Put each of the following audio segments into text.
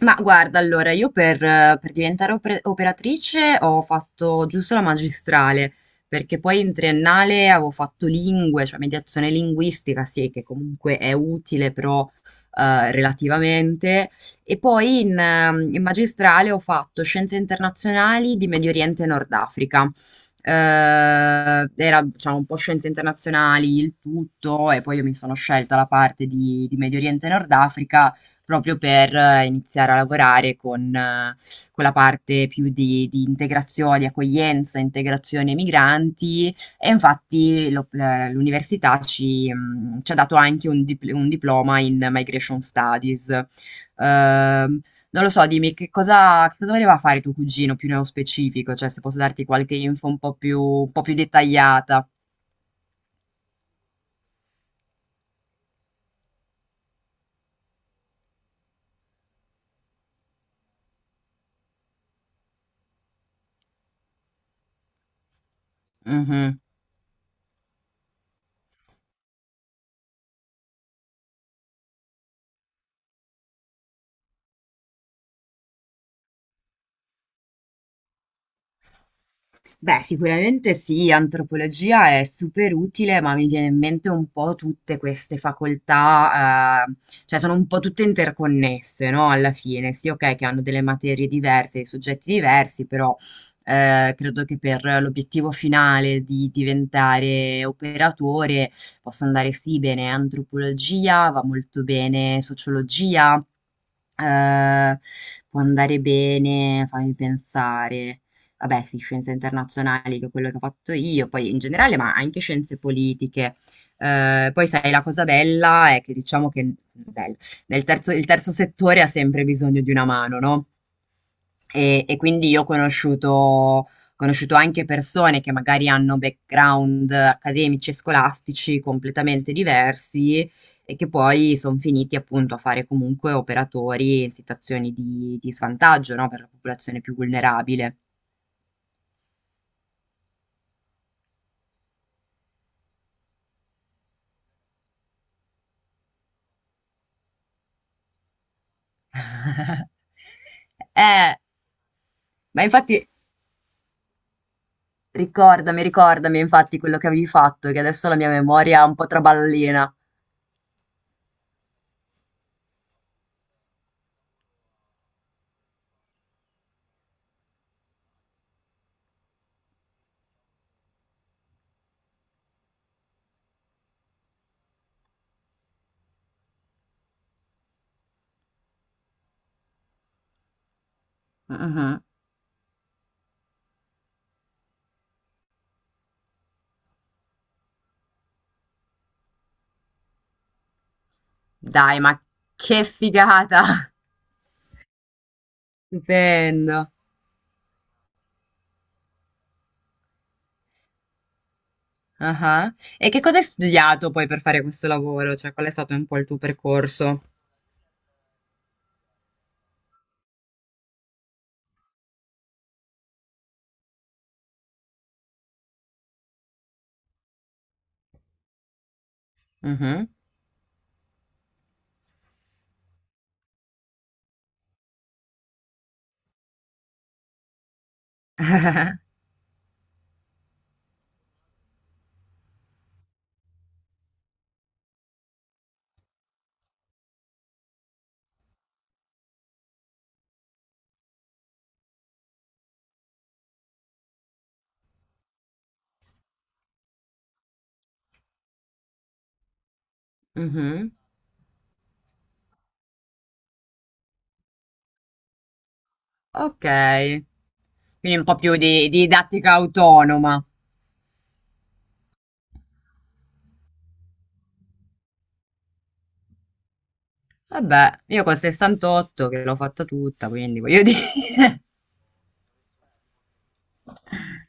Ma guarda, allora, io per diventare operatrice ho fatto giusto la magistrale, perché poi in triennale avevo fatto lingue, cioè mediazione linguistica, sì, che comunque è utile, però relativamente. E poi in magistrale ho fatto scienze internazionali di Medio Oriente e Nord Africa. Era, diciamo, un po' scienze internazionali il tutto, e poi io mi sono scelta la parte di Medio Oriente e Nord Africa proprio per iniziare a lavorare con la parte più di integrazione, di accoglienza, integrazione migranti e infatti l'università ci ha dato anche un diploma in Migration Studies. Ehm, non lo so, dimmi che cosa voleva fare tuo cugino più nello specifico, cioè se posso darti qualche info un po' più dettagliata. Mhm. Beh, sicuramente sì, antropologia è super utile, ma mi viene in mente un po' tutte queste facoltà, cioè sono un po' tutte interconnesse, no? Alla fine, sì, ok, che hanno delle materie diverse, dei soggetti diversi, però credo che per l'obiettivo finale di diventare operatore possa andare sì bene antropologia, va molto bene sociologia. Ehm, può andare bene, fammi pensare. Vabbè, sì, scienze internazionali, che è quello che ho fatto io, poi in generale, ma anche scienze politiche. Poi sai, la cosa bella è che diciamo che bello, il terzo settore ha sempre bisogno di una mano, no? E quindi io ho conosciuto anche persone che magari hanno background accademici e scolastici completamente diversi, e che poi son finiti appunto a fare comunque operatori in situazioni di svantaggio, no, per la popolazione più vulnerabile. Eh, ma infatti ricordami infatti quello che avevi fatto, che adesso la mia memoria è un po' traballina. Mh-mh. Dai, ma che figata! Stupendo. Ah-ah. E che cosa hai studiato poi per fare questo lavoro? Cioè, qual è stato un po' il tuo percorso? Mh-mh. Mh-mh. Okay. Quindi un po' più di didattica autonoma. Vabbè, io col 68 che l'ho fatta tutta, quindi voglio dire.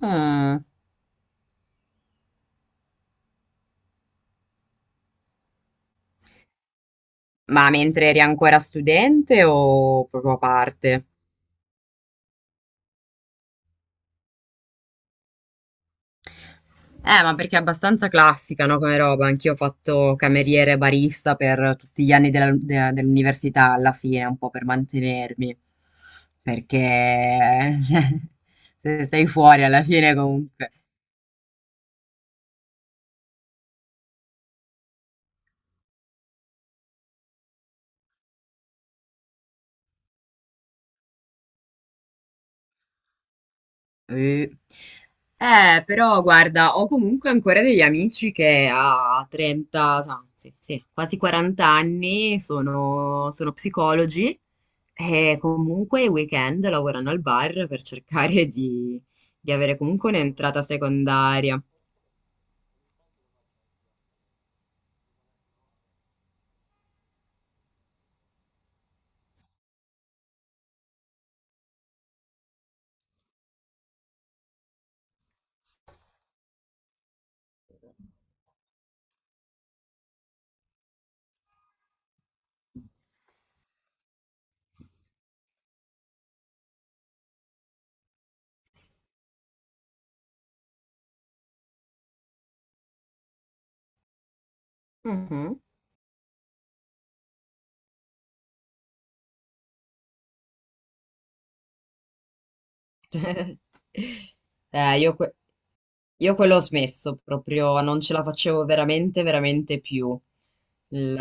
Mh. Ma mentre eri ancora studente o proprio a parte? Ma perché è abbastanza classica, no, come roba. Anch'io ho fatto cameriere e barista per tutti gli anni dell'università alla fine, un po' per mantenermi. Perché se sei fuori alla fine comunque. Eh, però guarda, ho comunque ancora degli amici che a 30, sì, sì, quasi 40 anni sono psicologi e comunque i weekend lavorano al bar per cercare di avere comunque un'entrata secondaria. Mhm. Eh, io, que- io quello ho smesso proprio, non ce la facevo veramente, veramente più. Il-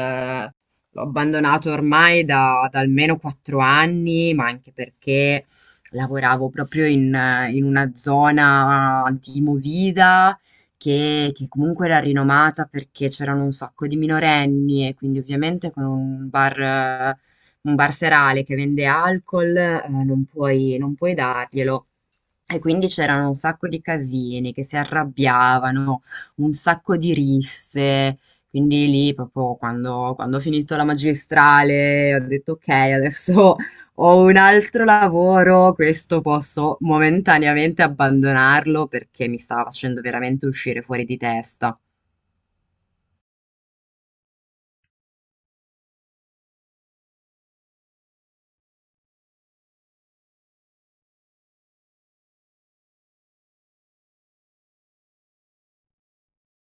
L'ho abbandonato ormai da almeno 4 anni, ma anche perché lavoravo proprio in una zona di Movida che comunque era rinomata perché c'erano un sacco di minorenni e quindi ovviamente con un barserale che vende alcol, non puoi darglielo. E quindi c'erano un sacco di casini che si arrabbiavano, un sacco di risse. Quindi lì, proprio quando ho finito la magistrale, ho detto: Ok, adesso ho un altro lavoro, questo posso momentaneamente abbandonarlo perché mi stava facendo veramente uscire fuori di testa.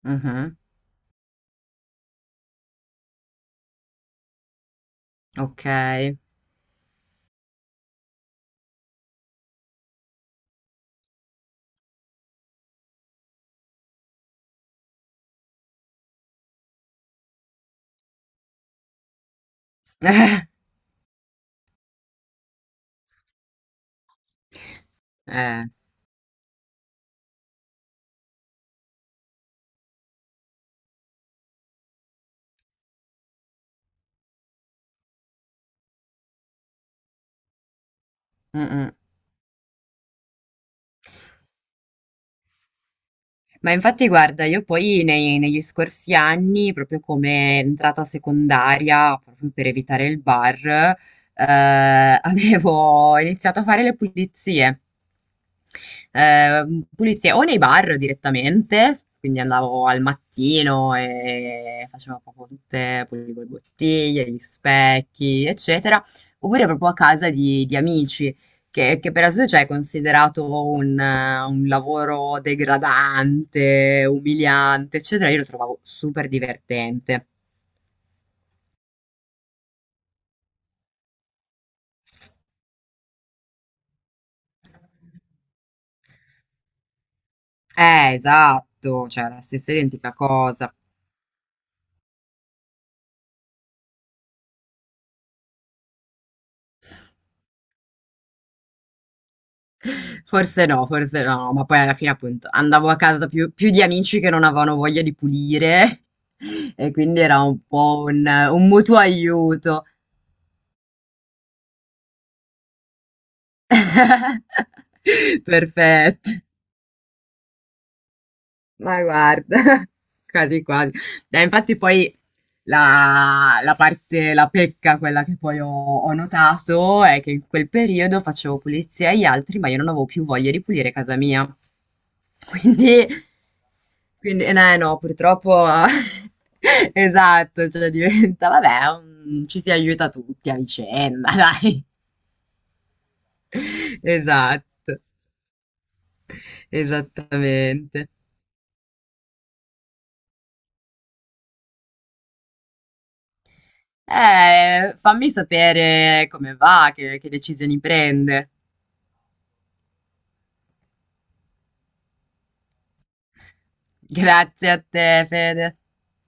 Mhm, ok. Eh. Mm, mm. Ma infatti guarda, io poi negli scorsi anni, proprio come entrata secondaria, proprio per evitare il bar, eh, avevo iniziato a fare le pulizie. Pulizie o nei bar direttamente, quindi andavo al mattino e facevo proprio tutte, pulivo le bottiglie, gli specchi, eccetera, oppure proprio a casa di amici, che per adesso cioè, è considerato un lavoro degradante, umiliante, eccetera, io lo trovavo super divertente. Esatto, cioè la stessa identica cosa. Forse no, ma poi alla fine appunto andavo a casa più di amici che non avevano voglia di pulire e quindi era un po' un mutuo aiuto. Perfetto. Ma guarda, quasi quasi. Dai, infatti poi la parte, la pecca, quella che poi ho notato, è che in quel periodo facevo pulizia agli altri, ma io non avevo più voglia di pulire casa mia. Quindi, no, no, purtroppo, esatto, cioè diventa, vabbè, ci si aiuta tutti a vicenda, dai. Esatto, esattamente. Fammi sapere come va, che decisioni prende. Grazie a te, Fede.